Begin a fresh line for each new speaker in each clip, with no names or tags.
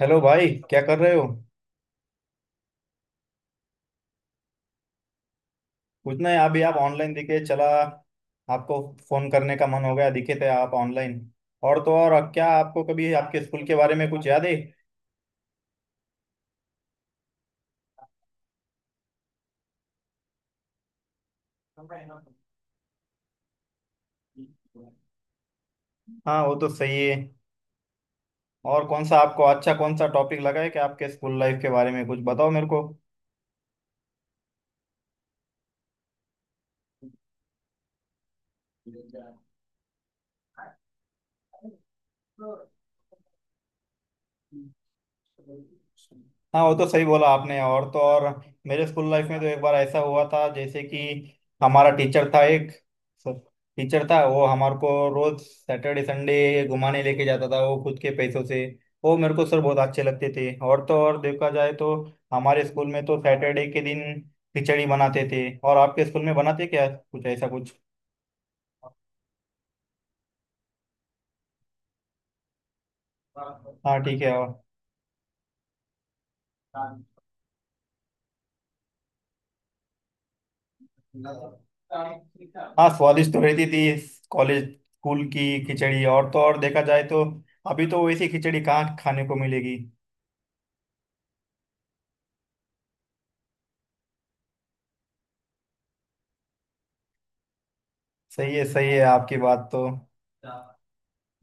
Hello भाई, क्या कर रहे हो। कुछ नहीं, अभी आप ऑनलाइन दिखे चला आपको फोन करने का मन हो गया, दिखे थे आप ऑनलाइन। और तो और, अब क्या आपको कभी आपके स्कूल के बारे में कुछ याद है। हाँ, वो तो सही है। और कौन सा आपको अच्छा कौन सा टॉपिक लगा है कि आपके स्कूल लाइफ के बारे में कुछ बताओ मेरे को। हाँ, वो तो सही बोला आपने। और तो और, मेरे स्कूल लाइफ में तो एक बार ऐसा हुआ था, जैसे कि हमारा टीचर था एक, टीचर था वो, हमारे को रोज सैटरडे संडे घुमाने लेके जाता था वो, खुद के पैसों से। वो मेरे को सर बहुत अच्छे लगते थे। और तो और देखा जाए तो, हमारे स्कूल में तो सैटरडे के दिन खिचड़ी बनाते थे, और आपके स्कूल में बनाते क्या कुछ ऐसा कुछ। हाँ, ठीक है। और हाँ, स्वादिष्ट तो रहती थी कॉलेज स्कूल की खिचड़ी। और तो और देखा जाए तो, अभी तो वैसी खिचड़ी कहाँ खाने को मिलेगी। सही है, सही है आपकी बात तो।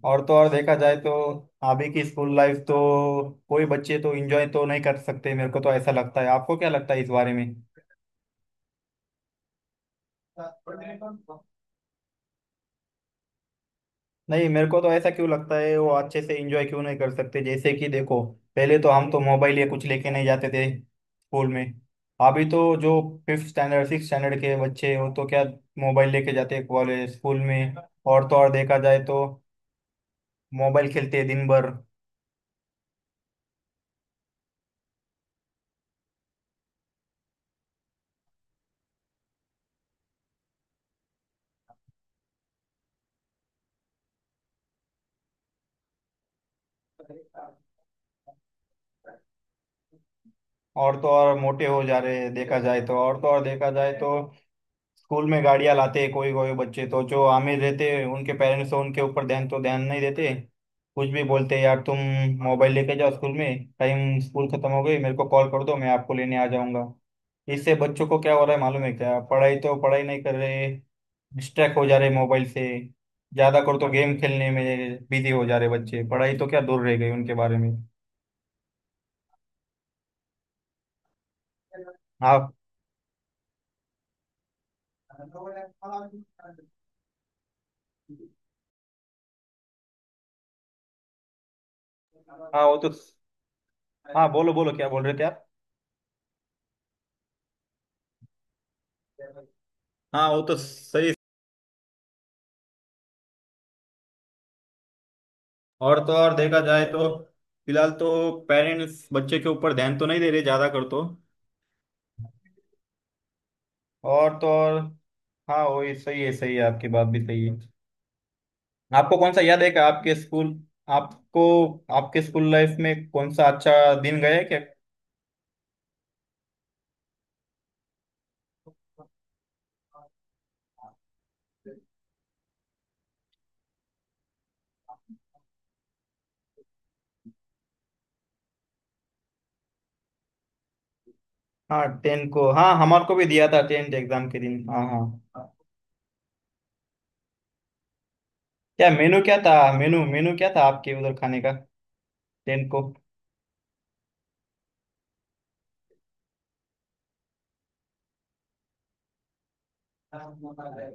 और तो और देखा जाए तो, अभी की स्कूल लाइफ तो कोई बच्चे तो एंजॉय तो नहीं कर सकते, मेरे को तो ऐसा लगता है। आपको क्या लगता है इस बारे में। नहीं, मेरे को तो ऐसा क्यों लगता है, वो अच्छे से एंजॉय क्यों नहीं कर सकते, जैसे कि देखो, पहले तो हम तो मोबाइल या कुछ लेके नहीं जाते थे स्कूल में। अभी तो जो फिफ्थ स्टैंडर्ड सिक्स स्टैंडर्ड के बच्चे हैं, वो तो क्या मोबाइल लेके जाते हैं कॉलेज स्कूल में। और तो और देखा जाए तो, मोबाइल खेलते हैं दिन भर। और तो और मोटे हो जा रहे हैं देखा जाए तो। और तो और देखा जाए तो, स्कूल में गाड़ियां लाते हैं कोई कोई बच्चे, तो जो आमिर रहते हैं उनके पेरेंट्स तो उनके ऊपर ध्यान तो ध्यान नहीं देते। कुछ भी बोलते हैं, यार तुम मोबाइल लेके जाओ स्कूल में, टाइम स्कूल खत्म हो गई मेरे को कॉल कर दो, मैं आपको लेने आ जाऊंगा। इससे बच्चों को क्या हो रहा है मालूम है क्या? पढ़ाई तो पढ़ाई नहीं कर रहे, डिस्ट्रैक्ट हो जा रहे मोबाइल से, ज्यादा कर तो गेम खेलने में बिजी हो जा रहे बच्चे, पढ़ाई तो क्या दूर रह गई उनके बारे में। हाँ हाँ, वो तो। हाँ, बोलो बोलो क्या बोल रहे थे आप। हाँ, वो तो सही। और तो और देखा जाए तो, फिलहाल तो पेरेंट्स बच्चे के ऊपर ध्यान तो नहीं दे रहे ज्यादा कर तो। और तो और, हाँ वही सही है, सही है, आपकी बात भी सही है। आपको कौन सा याद है कि आपके स्कूल, आपको आपके स्कूल लाइफ में कौन सा अच्छा दिन गया है क्या। हाँ टेन को, हाँ हमारे को भी दिया था टेंथ एग्जाम के दिन, हाँ हाँ। क्या मेनू क्या था आपके उधर खाने का, टेंथ को? हाँ,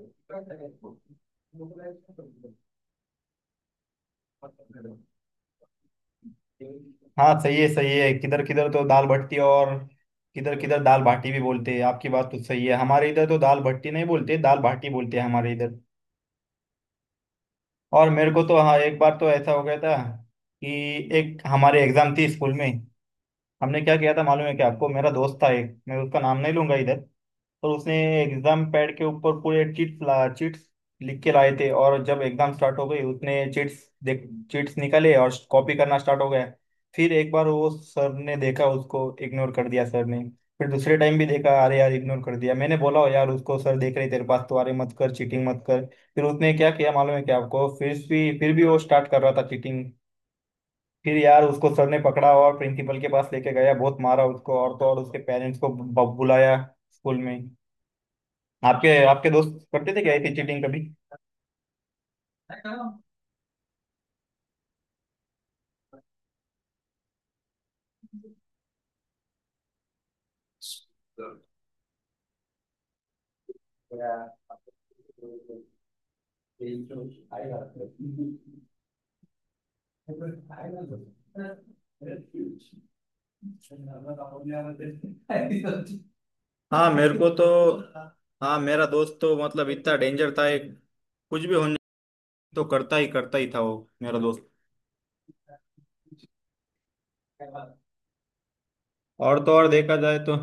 सही है सही है, किधर किधर तो दाल भट्टी, और किधर किधर दाल बाटी भी बोलते हैं, आपकी बात तो सही है, हमारे इधर तो दाल भट्टी नहीं बोलते, दाल बाटी बोलते हैं हमारे इधर। और मेरे को तो, हाँ, एक बार तो ऐसा हो गया था कि एक हमारी एग्जाम थी स्कूल में, हमने क्या किया था मालूम है कि आपको, मेरा दोस्त था एक, मैं उसका नाम नहीं लूंगा इधर। तो उसने एग्जाम पैड के ऊपर पूरे चीट्स लिख के लाए थे, और जब एग्जाम स्टार्ट हो गई उसने चीट्स निकाले और कॉपी करना स्टार्ट हो गया। फिर एक बार वो सर ने देखा, उसको इग्नोर कर दिया सर ने। फिर दूसरे टाइम भी देखा, अरे यार, इग्नोर कर दिया। मैंने बोला, "ओ यार, उसको सर देख रहे तेरे पास तो, अरे मत कर चीटिंग, मत कर।" फिर उसने क्या किया मालूम है क्या आपको, फिर भी वो स्टार्ट कर रहा था चीटिंग। फिर यार उसको सर ने पकड़ा और प्रिंसिपल के पास लेके गया, बहुत मारा उसको, और तो और उसके पेरेंट्स को बुलाया स्कूल में। आपके आपके दोस्त करते थे क्या ऐसी चीटिंग कभी। हाँ मेरे को तो, हाँ, मेरा दोस्त तो मतलब इतना डेंजर था एक, कुछ भी होने तो करता ही था वो, मेरा दोस्त। और तो और देखा जाए तो,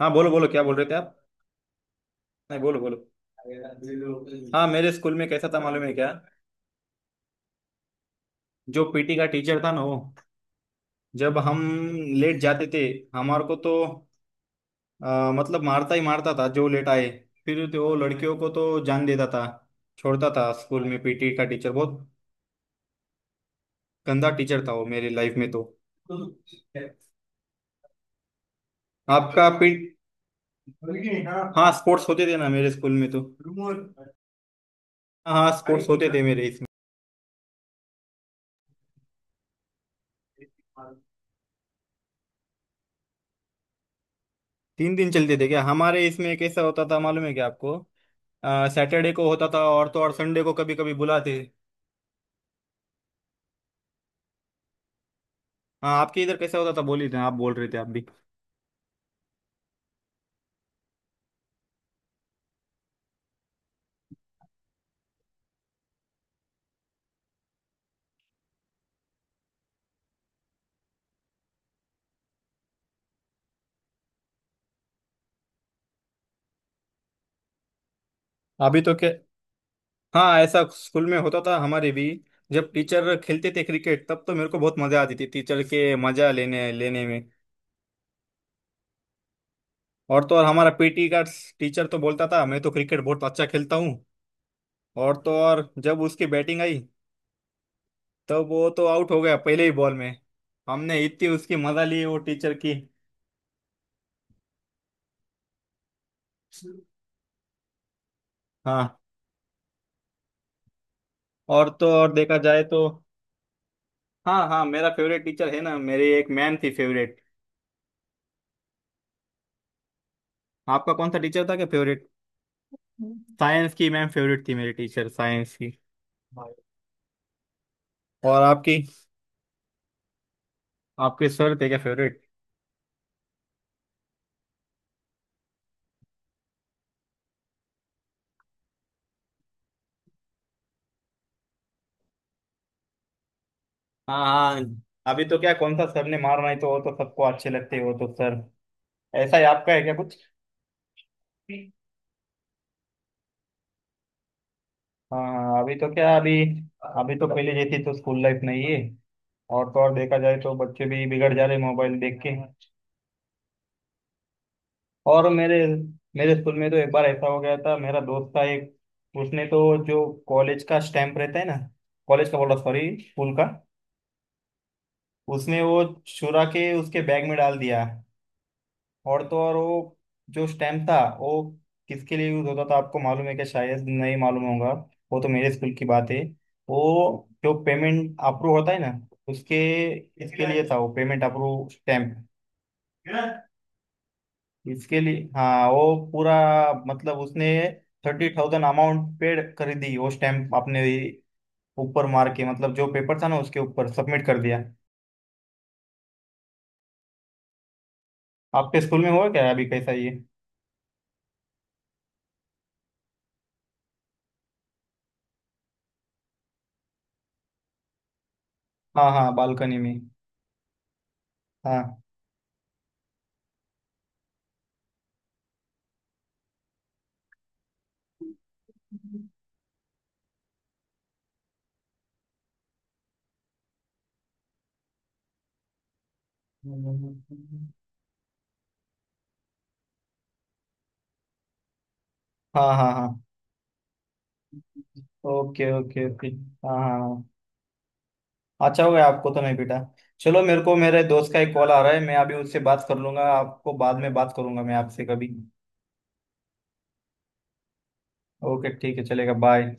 हाँ बोलो बोलो क्या बोल रहे थे आप। नहीं बोलो बोलो। हाँ, मेरे स्कूल में कैसा था मालूम है क्या, जो पीटी का टीचर था ना वो, जब हम लेट जाते थे हमारे को तो मतलब मारता ही मारता था जो लेट आए। फिर तो वो लड़कियों को तो जान देता था, छोड़ता था स्कूल में। पीटी का टीचर बहुत गंदा टीचर था वो मेरी लाइफ में तो। आपका पी हाँ स्पोर्ट्स होते थे ना मेरे स्कूल में तो, हाँ स्पोर्ट्स होते थे मेरे इसमें। तीन दिन चलते थे क्या हमारे इसमें, कैसा होता था मालूम है क्या आपको, सैटरडे को होता था, और तो और संडे को कभी कभी बुलाते। हाँ, आपके इधर कैसा होता था बोलिए ना, आप बोल रहे थे आप भी। अभी तो क्या, हाँ ऐसा स्कूल में होता था हमारे भी, जब टीचर खेलते थे क्रिकेट तब तो मेरे को बहुत मजा आती थी टीचर के मजा लेने लेने में। और तो और हमारा पीटी का टीचर तो बोलता था मैं तो क्रिकेट बहुत अच्छा खेलता हूँ, और तो और जब उसकी बैटिंग आई तब वो तो आउट हो गया पहले ही बॉल में। हमने इतनी उसकी मजा ली वो टीचर की। हाँ। और तो और देखा जाए तो, हाँ हाँ मेरा फेवरेट टीचर है ना, मेरी एक मैम थी फेवरेट। आपका कौन सा टीचर था क्या फेवरेट, साइंस की मैम फेवरेट थी मेरी, टीचर साइंस की। और आपकी आपके सर थे क्या फेवरेट? हाँ हाँ, अभी तो क्या कौन सा सर ने मार नहीं तो वो तो सबको अच्छे लगते हैं वो तो सर, ऐसा ही आपका है क्या कुछ। हाँ हाँ, अभी तो क्या, अभी अभी तो पहले जैसी तो स्कूल लाइफ नहीं है, और तो और देखा जाए तो बच्चे भी बिगड़ जा रहे मोबाइल देख के। और मेरे मेरे स्कूल में तो एक बार ऐसा हो गया था, मेरा दोस्त था एक, उसने तो जो कॉलेज का स्टैंप रहता है ना, कॉलेज का बोल रहा, सॉरी स्कूल का, उसने वो चुरा के उसके बैग में डाल दिया। और तो और वो जो स्टैंप था वो किसके लिए यूज होता था आपको मालूम है क्या, शायद नहीं मालूम होगा, वो तो मेरे स्कूल की बात है। वो जो पेमेंट अप्रूव होता है ना उसके इसके लिए था वो, पेमेंट अप्रूव स्टैंप। इसके लिए हाँ, वो पूरा मतलब उसने 30,000 अमाउंट पेड कर दी वो स्टैम्प अपने ऊपर मार के, मतलब जो पेपर था ना उसके ऊपर सबमिट कर दिया। आपके स्कूल में हुआ क्या अभी कैसा ये। हाँ हाँ, बालकनी में। हाँ हाँ हाँ। हाँ, ओके ओके ओके। हाँ हाँ हाँ। अच्छा, हो गया, आपको तो नहीं पीटा। चलो, मेरे को मेरे दोस्त का एक कॉल आ रहा है, मैं अभी उससे बात कर लूंगा, आपको बाद में बात करूंगा मैं आपसे कभी। ओके, ठीक है, चलेगा, बाय।